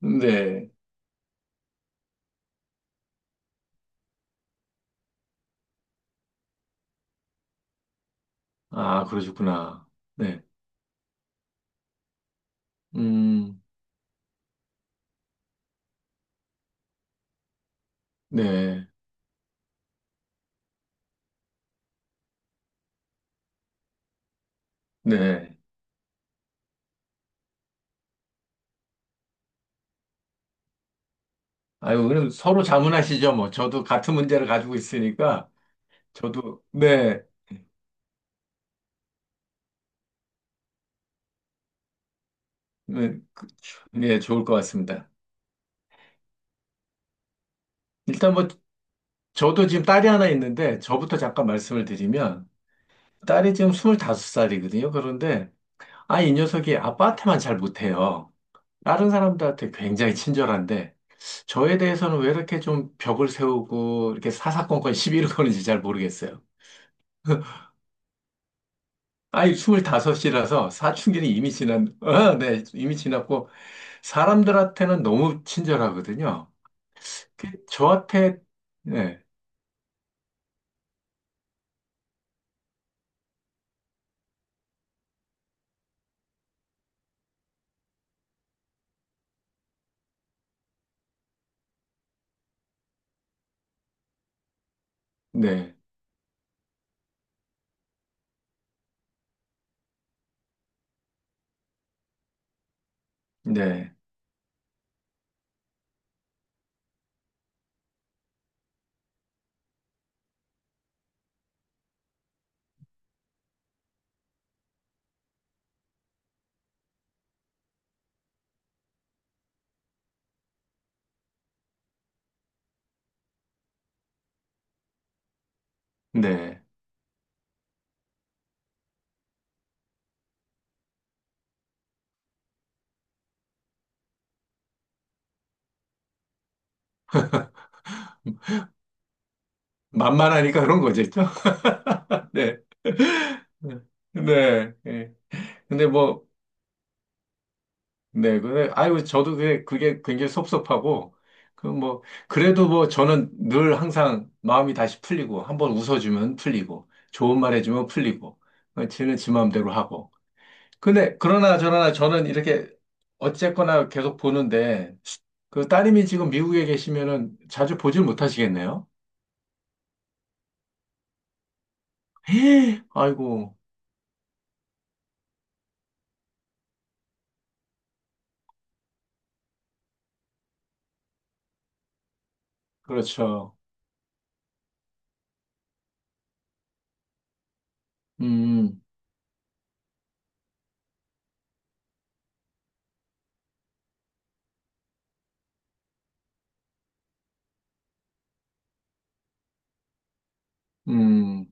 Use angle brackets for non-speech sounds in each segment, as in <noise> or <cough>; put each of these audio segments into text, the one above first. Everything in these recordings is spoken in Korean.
네. 아, 그러셨구나. 네. 음, 네. 네. 아유, 그럼 서로 자문하시죠. 뭐, 저도 같은 문제를 가지고 있으니까, 저도, 네. 네, 그, 네, 좋을 것 같습니다. 일단 뭐, 저도 지금 딸이 하나 있는데, 저부터 잠깐 말씀을 드리면, 딸이 지금 25살이거든요. 그런데, 아, 이 녀석이 아빠한테만 잘 못해요. 다른 사람들한테 굉장히 친절한데, 저에 대해서는 왜 이렇게 좀 벽을 세우고, 이렇게 사사건건 시비를 거는지 잘 모르겠어요. 아이, 25이라서 사춘기는 이미 지난, 어, 네, 이미 지났고, 사람들한테는 너무 친절하거든요. 저한테, 네, 네, 네, 네. 만만하니까 그런 거겠죠? <laughs> 네. 네. 예. 근데 뭐, 네. 근데, 아이고, 저도 그게, 그게 굉장히 섭섭하고, 그 뭐, 그래도 뭐, 저는 늘 항상 마음이 다시 풀리고, 한번 웃어주면 풀리고, 좋은 말 해주면 풀리고, 어, 지는 지 마음대로 하고, 근데 그러나 저러나 저는 이렇게 어쨌거나 계속 보는데 그 따님이 지금 미국에 계시면은 자주 보질 못하시겠네요? 헤, 아이고, 그렇죠. 음, 음,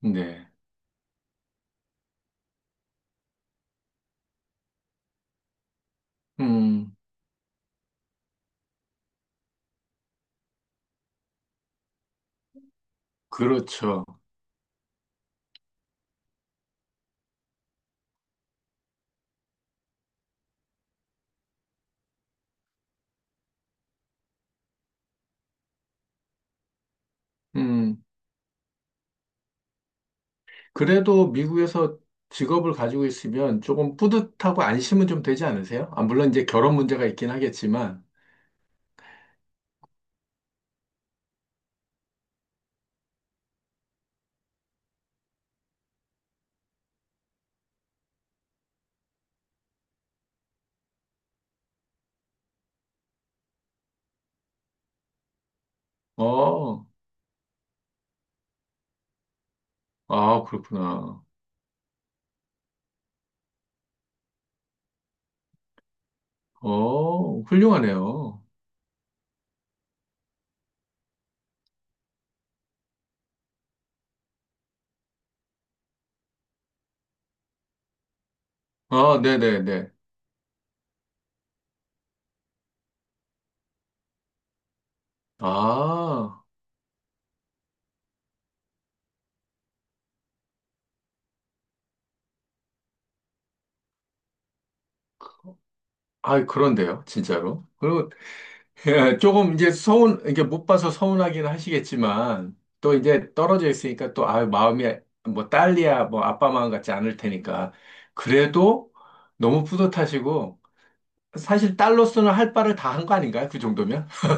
네, 음, 그렇죠. 음, 그래도 미국에서 직업을 가지고 있으면 조금 뿌듯하고 안심은 좀 되지 않으세요? 아, 물론 이제 결혼 문제가 있긴 하겠지만, 어, 아, 그렇구나. 어, 훌륭하네요. 아, 네네네. 아. 아, 그런데요, 진짜로. 그리고 <laughs> 조금 이제 서운, 이게 못 봐서 서운하긴 하시겠지만, 또 이제 떨어져 있으니까 또, 아, 마음이 뭐 딸이야, 뭐 아빠 마음 같지 않을 테니까. 그래도 너무 뿌듯하시고, 사실 딸로서는 할 바를 다 한 거 아닌가요? 그 정도면? <laughs>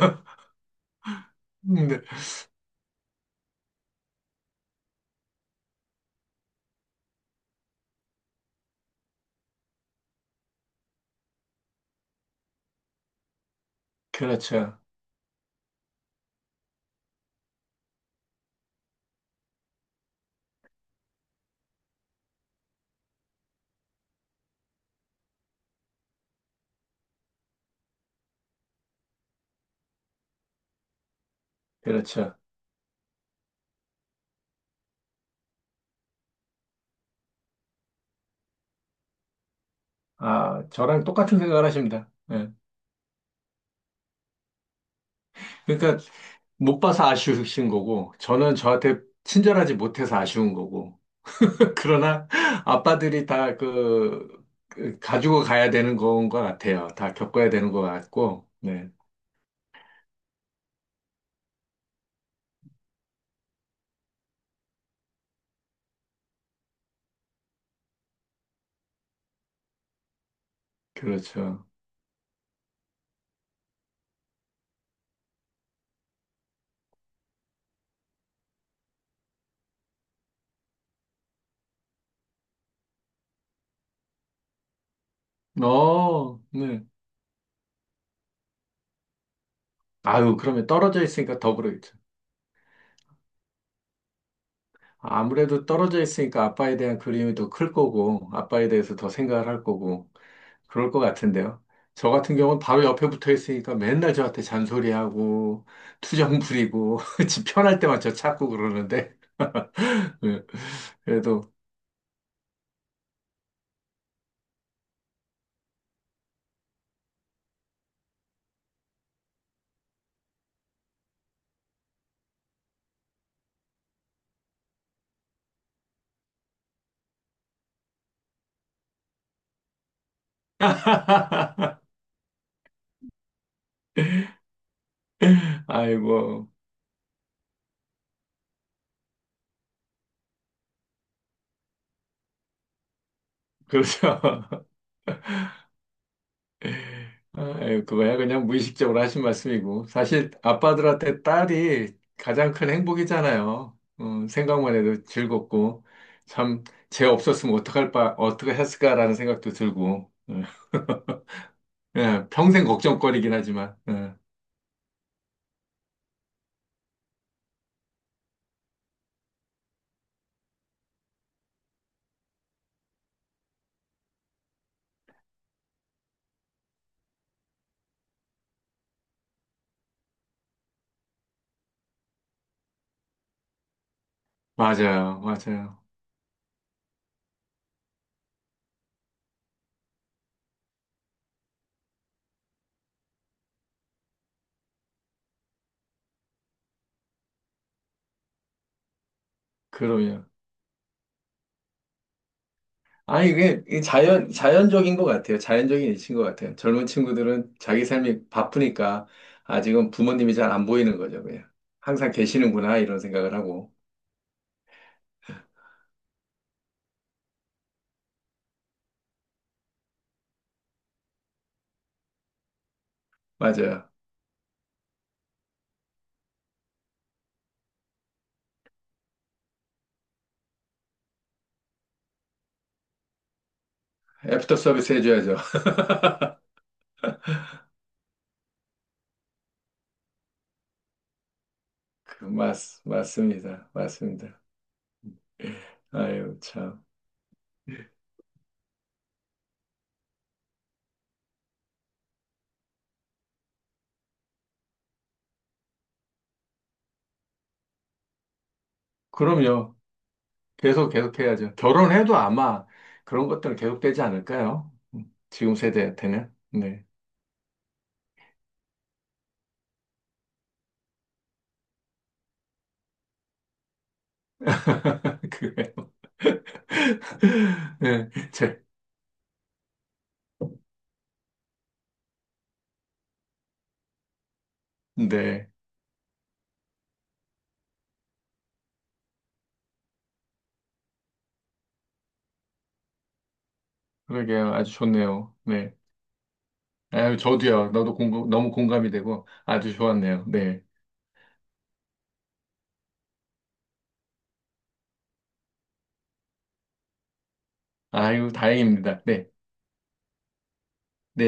네. 그렇죠. 그렇죠. 아, 저랑 똑같은 생각을 하십니다. 예. 그러니까 못 봐서 아쉬우신 거고, 저는 저한테 친절하지 못해서 아쉬운 거고, 그러나 아빠들이 다 그, 그 가지고 가야 되는 건 것 같아요. 다 겪어야 되는 것 같고, 네, 그렇죠. 어, 네. 아유, 그러면 떨어져 있으니까 더 그러겠죠. 아무래도 떨어져 있으니까 아빠에 대한 그림이 더 클 거고, 아빠에 대해서 더 생각을 할 거고, 그럴 것 같은데요. 저 같은 경우는 바로 옆에 붙어 있으니까 맨날 저한테 잔소리하고, 투정 부리고, <laughs> 집 편할 때만 저 찾고 그러는데, <laughs> 네, 그래도. <laughs> 아이고, 그렇죠. <laughs> 아유, 그거야 그냥 무의식적으로 하신 말씀이고. 사실 아빠들한테 딸이 가장 큰 행복이잖아요. 어, 생각만 해도 즐겁고. 참, 쟤 없었으면 어떡할 바, 어떻게 했을까라는 생각도 들고. 어, 예, <laughs> 예, 평생 걱정거리긴 하지만. 예, 맞아요, 맞아요. 그럼요. 아, 이게 이게 자연, 자연적인 것 같아요. 자연적인 이치인 것 같아요. 젊은 친구들은 자기 삶이 바쁘니까 아직은 부모님이 잘 안 보이는 거죠, 그냥. 항상 계시는구나, 이런 생각을 하고. 맞아요. 애프터 서비스 해줘야죠. <laughs> 그, 맞, 맞습니다. 맞습니다. 아유, 참. 그럼요. 계속, 계속 해야죠. 결혼해도 아마 그런 것들은 계속되지 않을까요? 지금 세대한테는. 네. <laughs> 그래요. <laughs> 네. 제, 네. 그러게요. 아주 좋네요. 네. 아유, 저도요. 너도 공감, 너무 공감이 되고 아주 좋았네요. 네. 아유, 다행입니다. 네. 네.